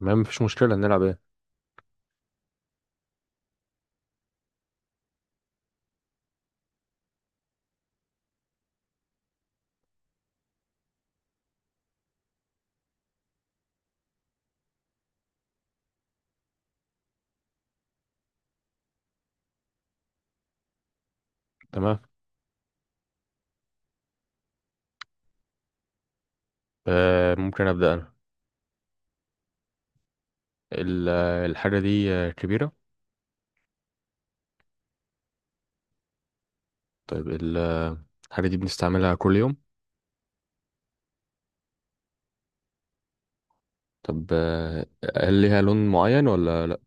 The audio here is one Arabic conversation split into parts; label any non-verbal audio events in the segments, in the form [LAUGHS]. تمام مفيش مشكلة، نلعب ايه؟ تمام. ممكن أبدأ أنا. الحاجة دي كبيرة. طيب، الحاجة دي بنستعملها كل يوم؟ طب هل ليها لون معين ولا لأ؟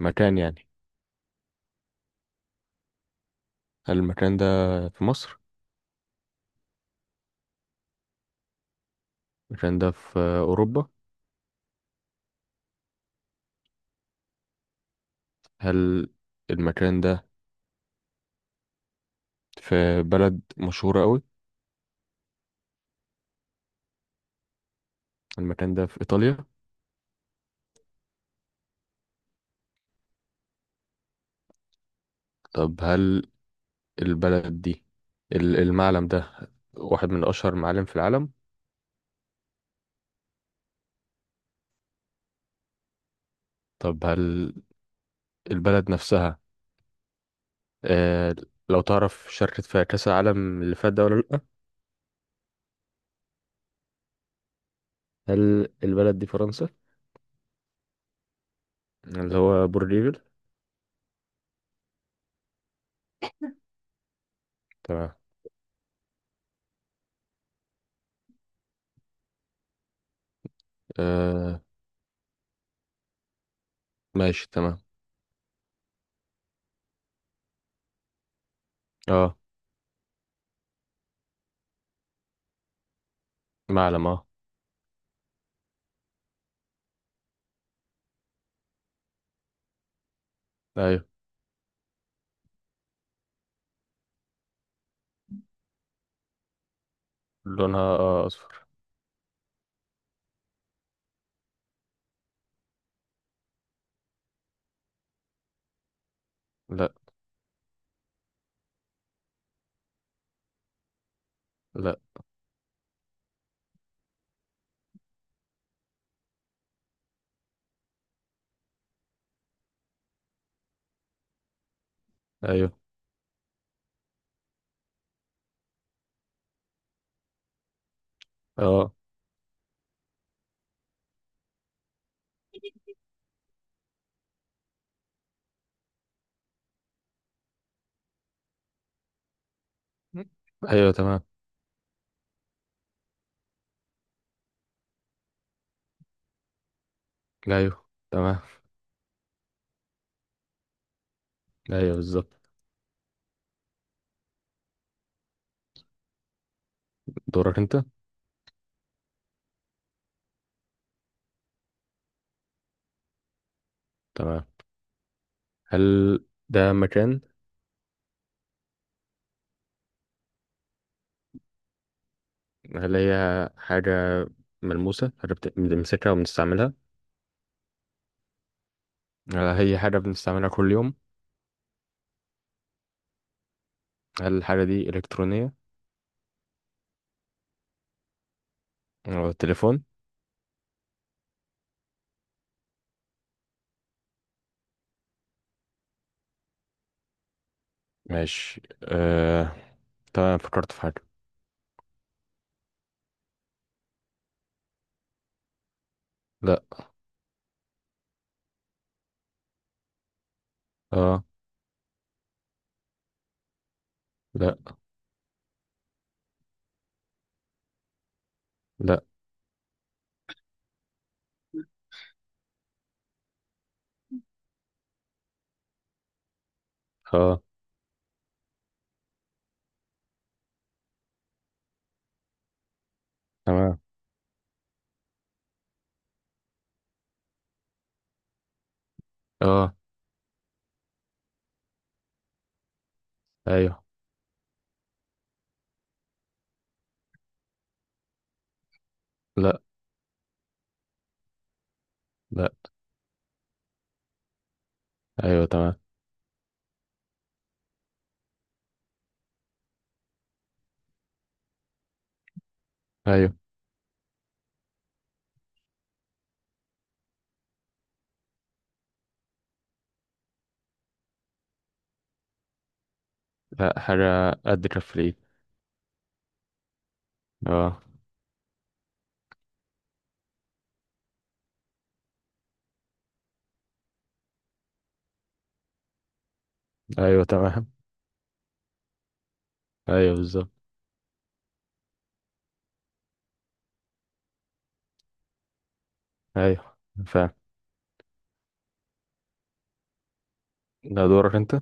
مكان يعني؟ هل المكان ده في مصر؟ المكان ده في أوروبا؟ هل المكان ده في بلد مشهورة أوي؟ المكان ده في إيطاليا؟ طب هل البلد دي، المعلم ده واحد من أشهر معالم في العالم؟ طب هل البلد نفسها، آه، لو تعرف، شاركت في كأس العالم اللي فات ده ولا لأ؟ هل البلد دي فرنسا؟ اللي هو بورليفل. تمام. آه ماشي تمام. اه. معلم اه. ايوه. لونها آه اصفر. لا. لا. ايوه. اه. ايوه تمام. ايوه تمام. ايوه بالظبط. دورك انت. تمام. هل ده مكان؟ هل هي حاجة ملموسة؟ هل بنمسكها وبنستعملها؟ هل هي حاجة بنستعملها كل يوم؟ هل الحاجة دي إلكترونية؟ هو التليفون؟ ماشي آه. تمام، فكرت في حاجة. لا. اه. لا. لا. اه. تمام. اه. ايوه. لا. لا. ايوه تمام. ايوه. لا، حاجة قد كف الايد. اه. ايوه تمام. ايوه بالظبط. ايوه. فاهم. ده دورك انت.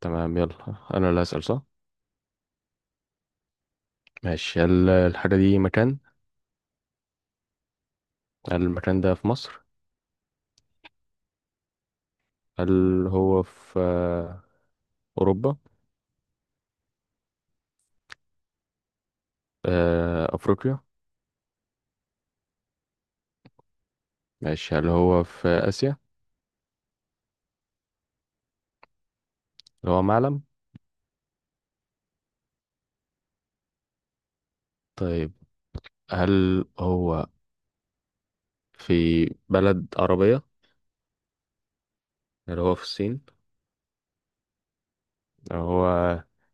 تمام يلا انا اللي هسأل، صح؟ ماشي. هل الحاجة دي مكان؟ هل المكان ده في مصر؟ هل هو في أوروبا؟ أفريقيا؟ ماشي، هل هو في آسيا؟ هل هو معلم؟ طيب، هل هو في بلد عربية؟ اللي هو في الصين؟ هو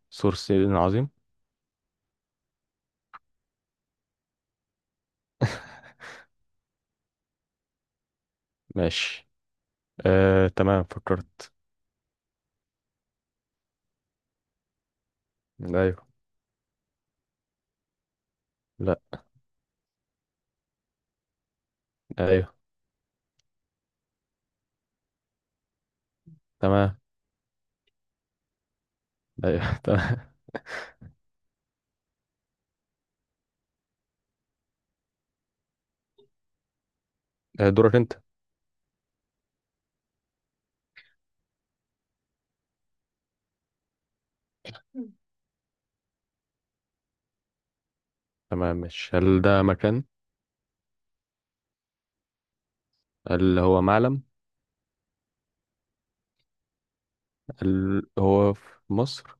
سور الصين العظيم؟ [LAUGHS] ماشي. آه تمام، فكرت. ايوه. لا. ايوه تمام. ايوه. [LAUGHS] تمام. دورك انت. تمام ماشي. هل ده مكان؟ هل هو معلم؟ هل هو في مصر؟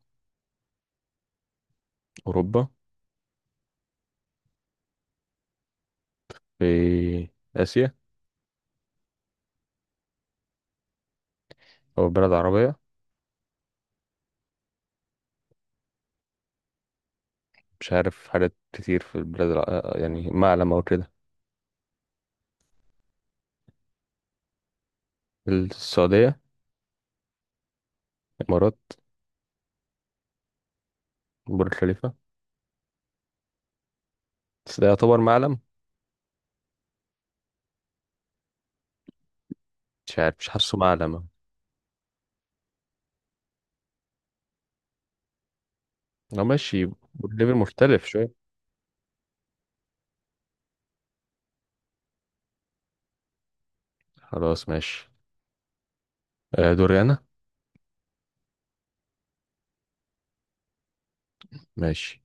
اوروبا؟ في اسيا؟ او بلد عربية؟ مش عارف حاجات كتير في البلاد الع... يعني معلم او كده. السعودية؟ الامارات؟ برج خليفة؟ بس ده يعتبر معلم؟ مش عارف، مش حاسه معلمة. لو ماشي. ليفل مختلف شوية. خلاص ماشي. آه دوري أنا. ماشي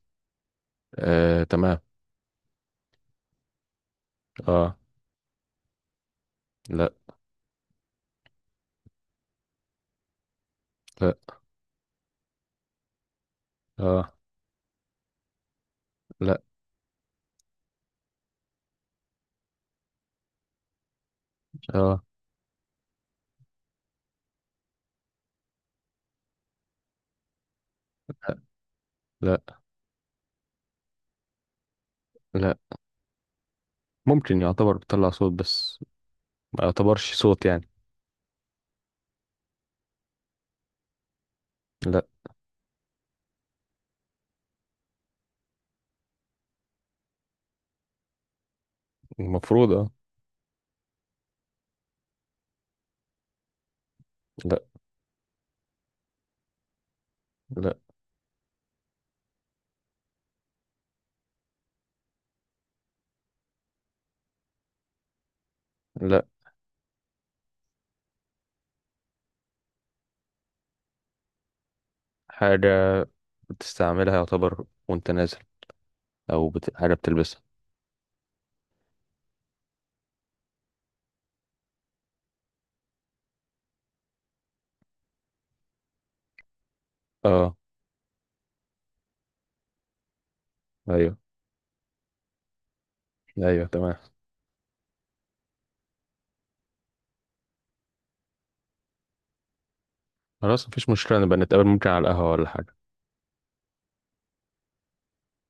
آه تمام. اه. لا. لا. اه. لا. اه. لا. لا. ممكن يعتبر بتطلع صوت، بس ما يعتبرش صوت يعني. لا. المفروض اه. لا. لا. لا. حاجة بتستعملها يعتبر وانت نازل، حاجة بتلبسها. اه. أيوه. أيوه تمام. خلاص مفيش مشكلة، نبقى نتقابل ممكن على القهوة ولا حاجة.